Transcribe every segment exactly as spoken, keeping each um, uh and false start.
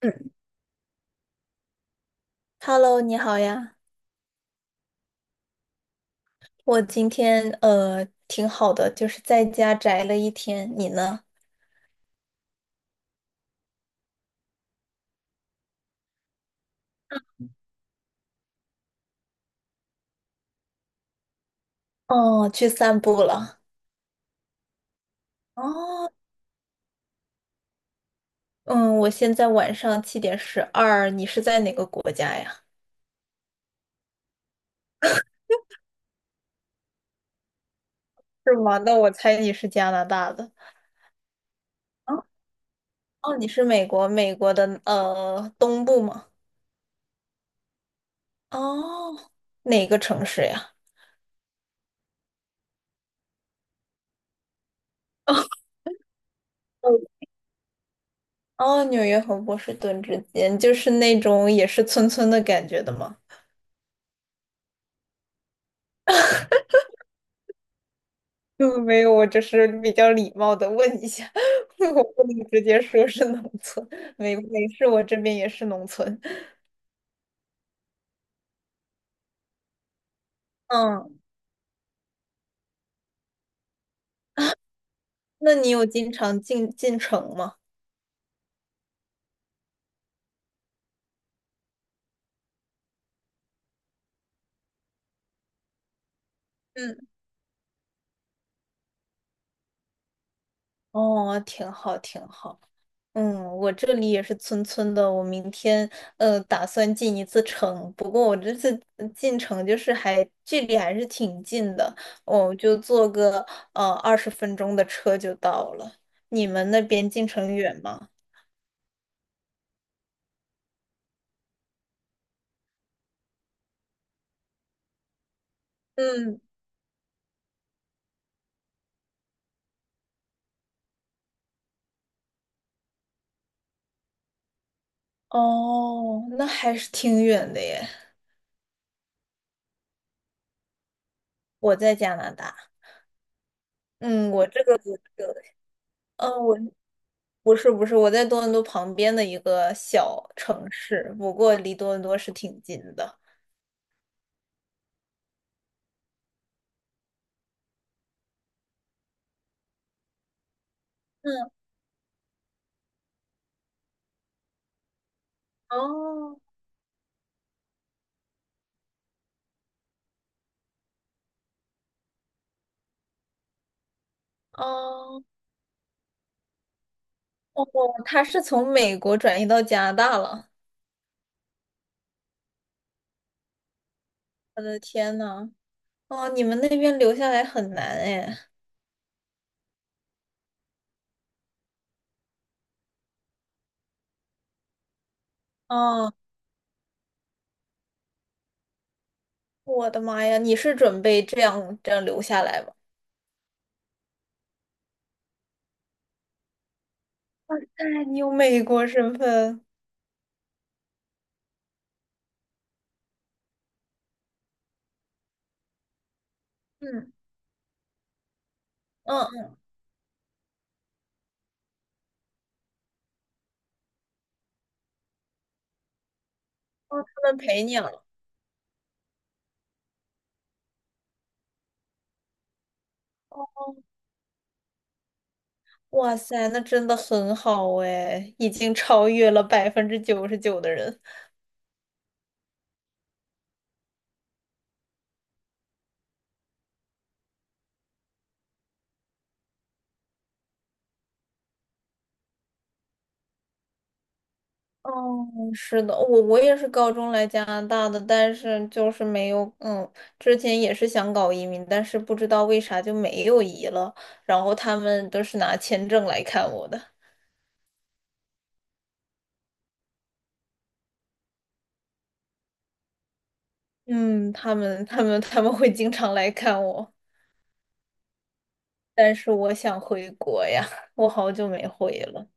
嗯，Hello，你好呀。我今天呃挺好的，就是在家宅了一天。你呢？哦，去散步了。哦，嗯，我现在晚上七点十二，你是在哪个国家呀？是吗？那我猜你是加拿大的。哦，哦，你是美国，美国的呃东部吗？哦，哪个城市呀？哦，纽约和波士顿之间，就是那种也是村村的感觉的吗？嗯，没有，我只是比较礼貌的问一下，我不能直接说是农村。没没事，我这边也是农村。嗯，那你有经常进进城吗？嗯，哦，挺好，挺好。嗯，我这里也是村村的。我明天呃打算进一次城，不过我这次呃进城就是还距离还是挺近的，我就坐个呃二十分钟的车就到了。你们那边进城远吗？嗯。哦，那还是挺远的耶。我在加拿大。嗯，我这个不是，嗯，我不是不是，我在多伦多旁边的一个小城市，不过离多伦多是挺近的。嗯，哦哦哦，他是从美国转移到加拿大了。我的天呐，哦，你们那边留下来很难哎。哦，我的妈呀，你是准备这样这样留下来吗？哎，你有美国身份。嗯嗯，哦，他们陪你了。哇塞，那真的很好哎，已经超越了百分之九十九的人。哦，是的，我我也是高中来加拿大的，但是就是没有，嗯，之前也是想搞移民，但是不知道为啥就没有移了。然后他们都是拿签证来看我的。嗯，他们他们他们会经常来看我，但是我想回国呀，我好久没回了。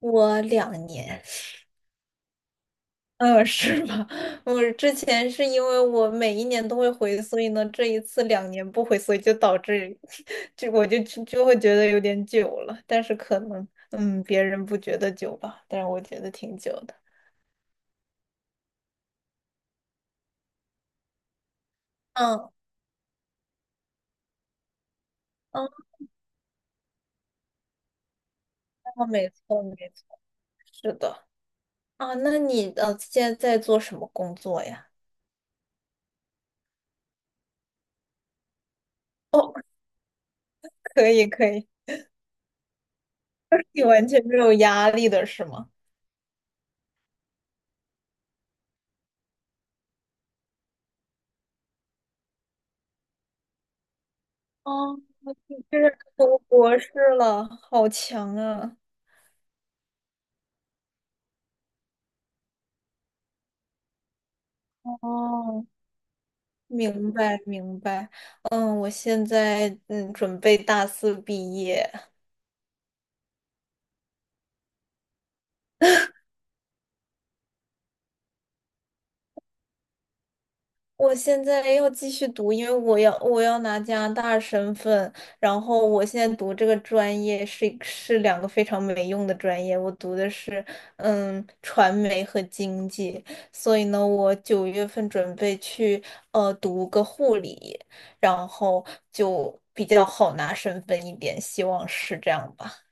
我两年。嗯，是吧？我之前是因为我每一年都会回，所以呢，这一次两年不回，所以就导致 就我就就就会觉得有点久了。但是可能，嗯，别人不觉得久吧，但是我觉得挺久的。嗯嗯，哦，没错没错，是的。啊，那你呃现在在做什么工作呀？哦，可以可以。你完全没有压力的是吗？哦，你这是读博士了，好强啊！哦，明白明白。嗯，我现在嗯准备大四毕业。我现在要继续读，因为我要我要拿加拿大身份，然后我现在读这个专业是是两个非常没用的专业，我读的是嗯传媒和经济，所以呢，我九月份准备去呃读个护理，然后就比较好拿身份一点，希望是这样吧。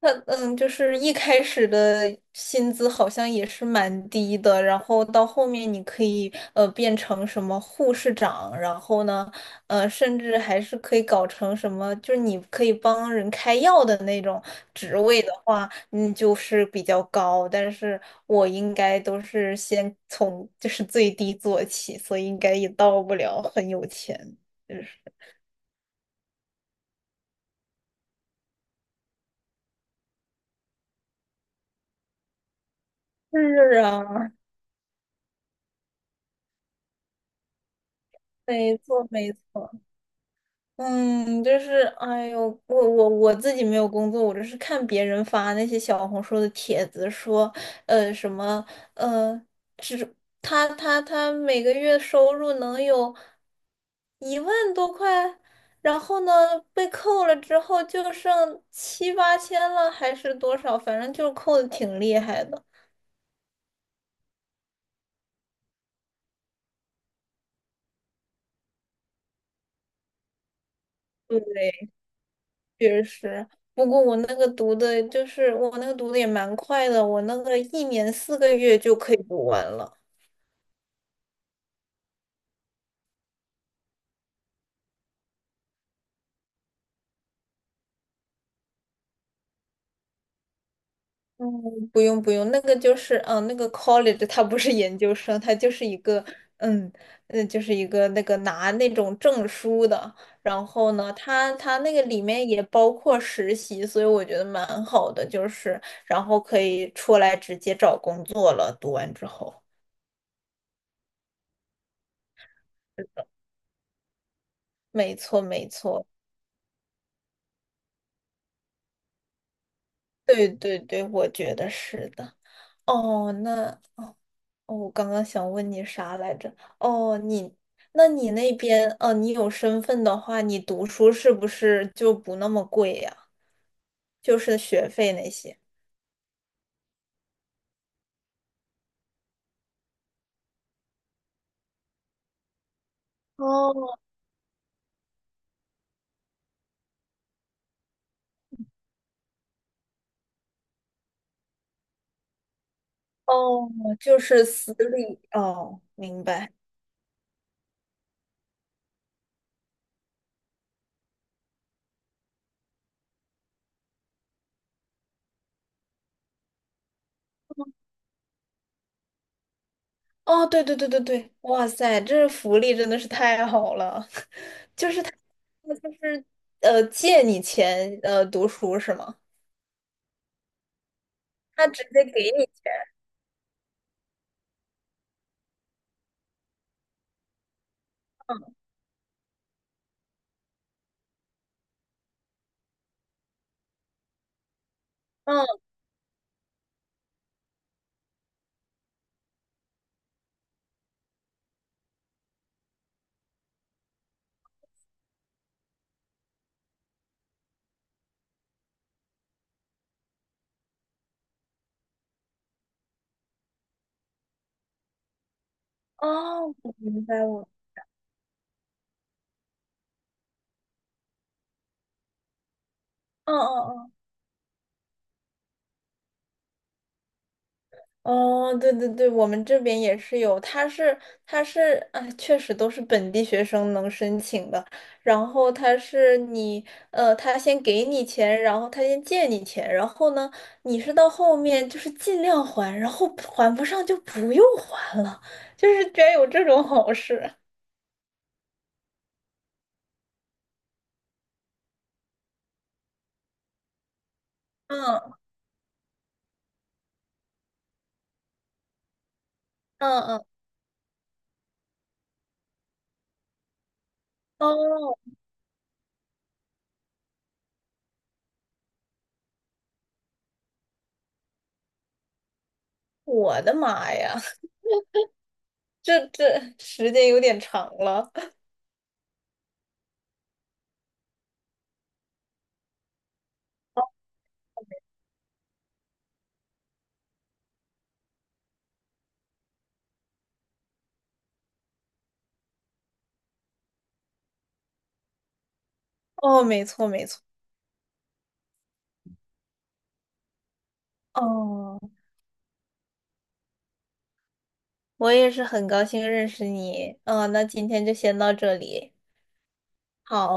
他嗯，就是一开始的薪资好像也是蛮低的，然后到后面你可以呃变成什么护士长，然后呢，呃，甚至还是可以搞成什么，就是你可以帮人开药的那种职位的话，嗯，就是比较高。但是我应该都是先从就是最低做起，所以应该也到不了很有钱。就是是啊，没错没错。嗯，就是，哎呦，我我我自己没有工作，我就是看别人发那些小红书的帖子，说，呃，什么，呃，他他他每个月收入能有一万多块，然后呢，被扣了之后就剩七八千了，还是多少，反正就是扣的挺厉害的。对，确实。不过我那个读的，就是我那个读的也蛮快的，我那个一年四个月就可以读完了。嗯，不用不用。那个就是，嗯，那个 college 它不是研究生，它就是一个，嗯嗯，就是一个那个拿那种证书的。然后呢，它它那个里面也包括实习，所以我觉得蛮好的，就是然后可以出来直接找工作了。读完之后，没错没错，对对对，我觉得是的。哦，那哦，我刚刚想问你啥来着？哦，你，那你那边，哦，你有身份的话，你读书是不是就不那么贵呀？就是学费那些。哦哦，就是私立。哦，明白。哦，对对对对对，哇塞，这福利真的是太好了。那就是呃，借你钱呃读书是吗？他直接给你钱。嗯，嗯，哦，我明白我。嗯嗯嗯。哦哦，对对对，我们这边也是有，他是他是啊，确实都是本地学生能申请的。然后他是你呃，他先给你钱，然后他先借你钱，然后呢，你是到后面就是尽量还，然后还不上就不用还了，就是居然有这种好事。嗯嗯嗯，哦，我的妈呀，这这时间有点长了。哦，没错没错。哦。我也是很高兴认识你。嗯，那今天就先到这里。好，